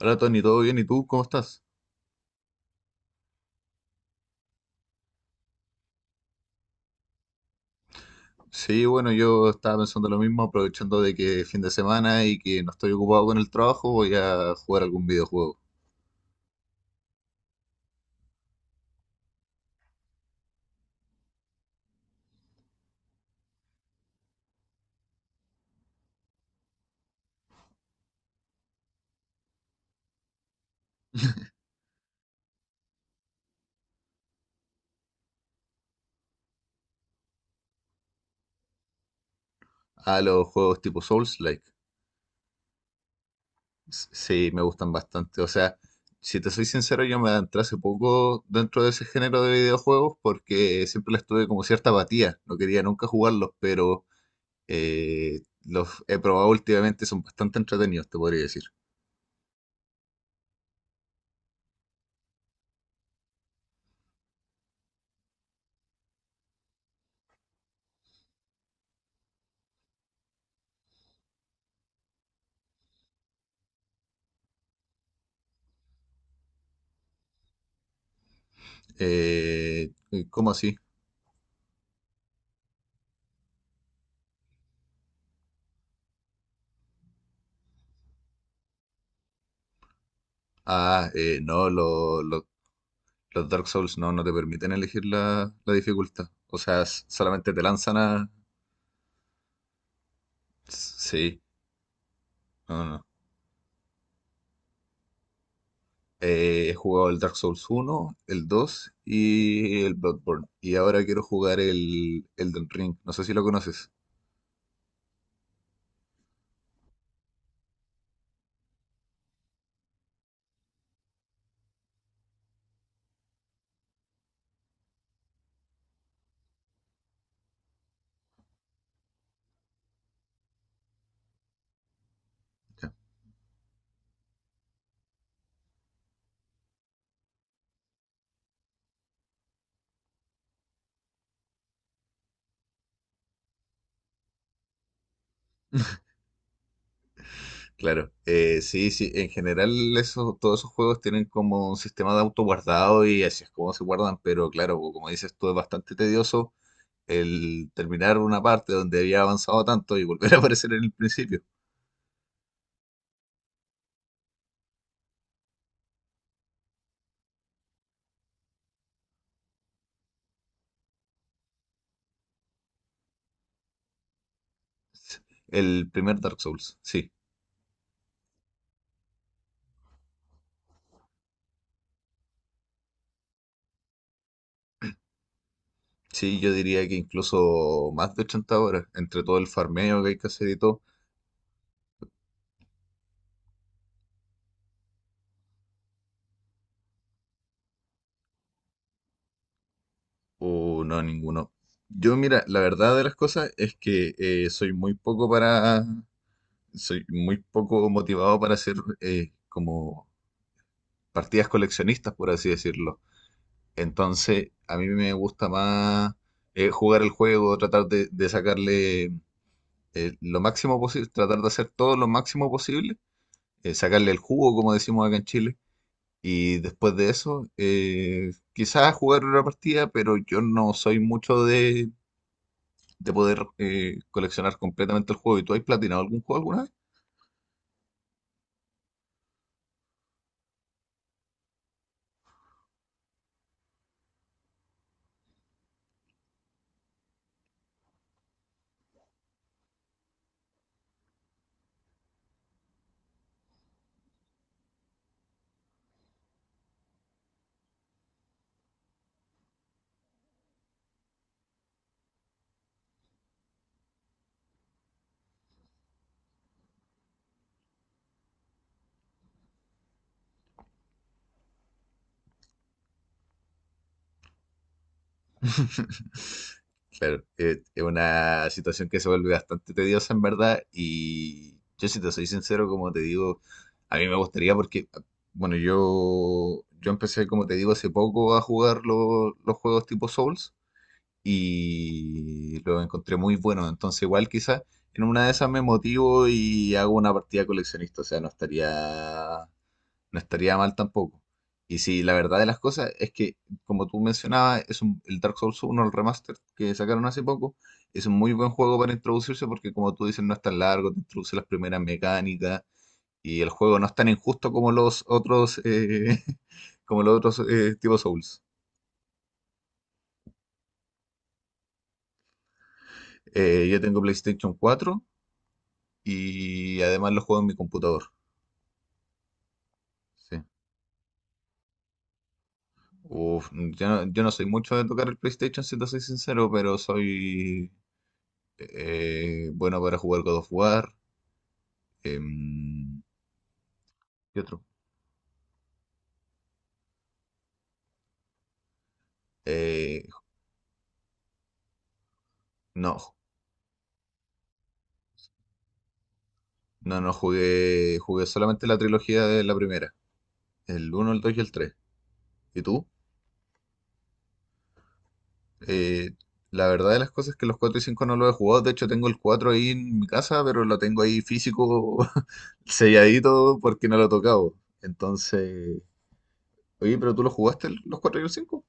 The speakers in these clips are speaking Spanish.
Hola Tony, ¿todo bien? ¿Y tú cómo estás? Sí, bueno, yo estaba pensando lo mismo, aprovechando de que es fin de semana y que no estoy ocupado con el trabajo, voy a jugar algún videojuego. A los juegos tipo Souls-like. Sí, me gustan bastante. O sea, si te soy sincero, yo me adentré hace poco dentro de ese género de videojuegos porque siempre les tuve como cierta apatía. No quería nunca jugarlos, pero los he probado últimamente, son bastante entretenidos, te podría decir. Eh, ¿Cómo así? Ah, no, los Dark Souls no, te permiten elegir la dificultad. O sea, solamente te lanzan a... Sí, no, no. He jugado el Dark Souls uno, el 2 y el Bloodborne. Y ahora quiero jugar el Elden Ring. No sé si lo conoces. Ya. Claro, sí, sí, en general eso, todos esos juegos tienen como un sistema de autoguardado y así es como se guardan, pero claro, como dices tú, es bastante tedioso el terminar una parte donde había avanzado tanto y volver a aparecer en el principio. El primer Dark Souls, sí. Sí, yo diría que incluso más de 80 horas, entre todo el farmeo que hay que hacer y todo. O no, ninguno. Yo, mira, la verdad de las cosas es que soy muy poco para. Soy muy poco motivado para hacer como partidas coleccionistas, por así decirlo. Entonces, a mí me gusta más jugar el juego, tratar de sacarle lo máximo posible, tratar de hacer todo lo máximo posible, sacarle el jugo, como decimos acá en Chile. Y después de eso, quizás jugar una partida, pero yo no soy mucho de poder coleccionar completamente el juego. ¿Y tú has platinado algún juego alguna vez? Claro, es una situación que se vuelve bastante tediosa en verdad y yo si te soy sincero, como te digo, a mí me gustaría porque, bueno, yo empecé, como te digo, hace poco a jugar los juegos tipo Souls y lo encontré muy bueno. Entonces, igual quizás en una de esas me motivo y hago una partida coleccionista. O sea, no estaría mal tampoco. Y sí, la verdad de las cosas es que, como tú mencionabas, es el Dark Souls uno, el remaster que sacaron hace poco, es un muy buen juego para introducirse porque, como tú dices, no es tan largo, te introduce las primeras mecánicas y el juego no es tan injusto como los otros, como los otros tipo Souls. Yo tengo PlayStation cuatro y además lo juego en mi computador. Sí. Uf, yo no soy mucho de tocar el PlayStation, si te soy sincero, pero soy bueno para jugar God of War. em, ¿Qué otro? Eh, no, no, no jugué, jugué solamente la trilogía de la primera, el uno, el 2 y el tres. ¿Y tú? Eh, la verdad de las cosas es que los 4 y 5 no los he jugado, de hecho tengo el 4 ahí en mi casa, pero lo tengo ahí físico, selladito, porque no lo he tocado. Entonces... Oye, pero tú lo jugaste los 4 y el cinco.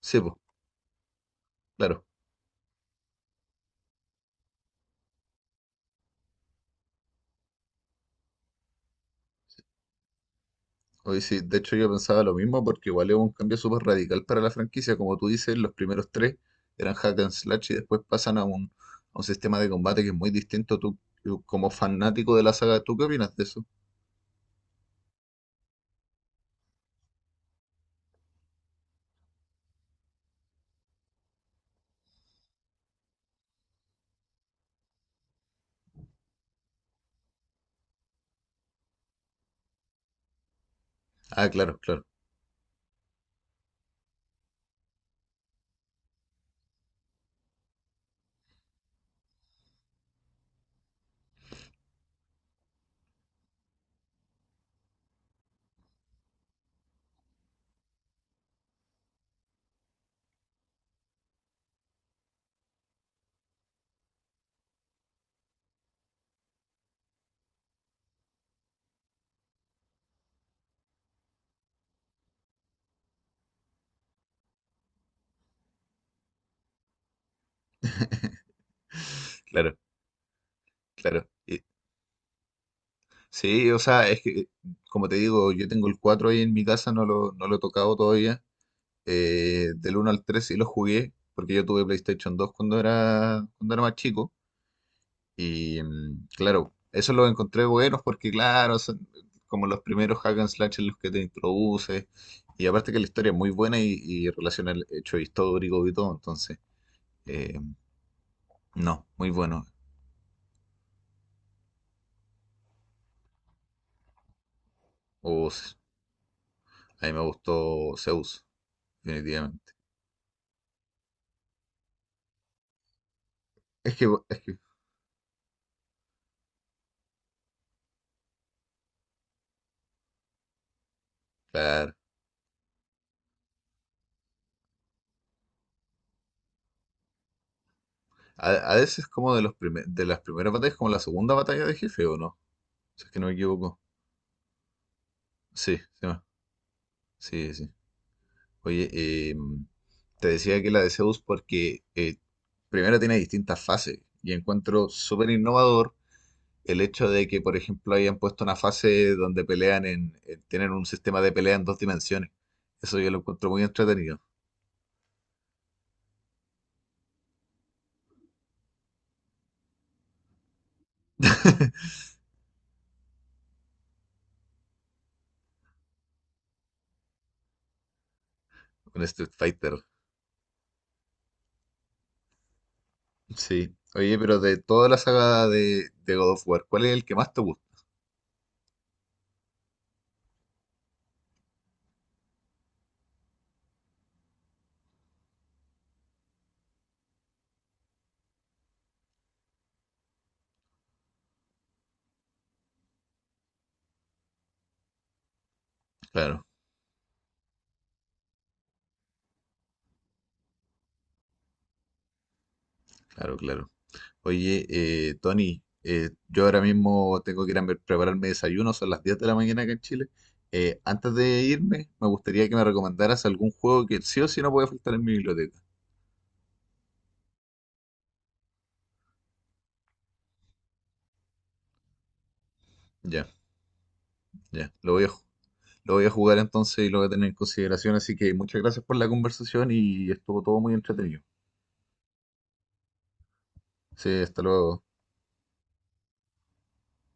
Sí, pues, claro. Oye, sí, de hecho yo pensaba lo mismo porque igual es un cambio súper radical para la franquicia. Como tú dices, los primeros tres eran hack and slash y después pasan a a un sistema de combate que es muy distinto. Tú como fanático de la saga, ¿tú qué opinas de eso? Ah, claro, claro, claro, claro. Sí, o sea, es que, como te digo, yo tengo el 4 ahí en mi casa, no lo he tocado todavía. Del 1 al 3 sí lo jugué porque yo tuve PlayStation dos cuando era más chico. Y claro, eso lo encontré buenos porque, claro, son como los primeros hack and slash en los que te introduces. Y aparte que la historia es muy buena y relaciona el hecho histórico y todo. Entonces, eh, no, muy bueno. O s- a mí me gustó Zeus, definitivamente. Es que claro, a veces como de los de las primeras batallas, como la segunda batalla de jefe, ¿o no? Si es que no me equivoco. Sí, sí, sí, sí. Oye, te decía que la de Zeus porque primero tiene distintas fases y encuentro súper innovador el hecho de que, por ejemplo, hayan puesto una fase donde pelean en, tienen un sistema de pelea en dos dimensiones. Eso yo lo encuentro muy entretenido. Un Street Fighter. Sí. Oye, pero de toda la saga de God of War, ¿cuál es el que más te gusta? Claro, claro, claro. Oye, Tony, yo ahora mismo tengo que ir a prepararme desayuno, son las 10 de la mañana acá en Chile. Antes de irme, me gustaría que me recomendaras algún juego que sí o sí no puede faltar en mi biblioteca. Ya, ya, lo voy a, lo voy a jugar entonces y lo voy a tener en consideración, así que muchas gracias por la conversación y estuvo todo muy entretenido. Sí, hasta luego.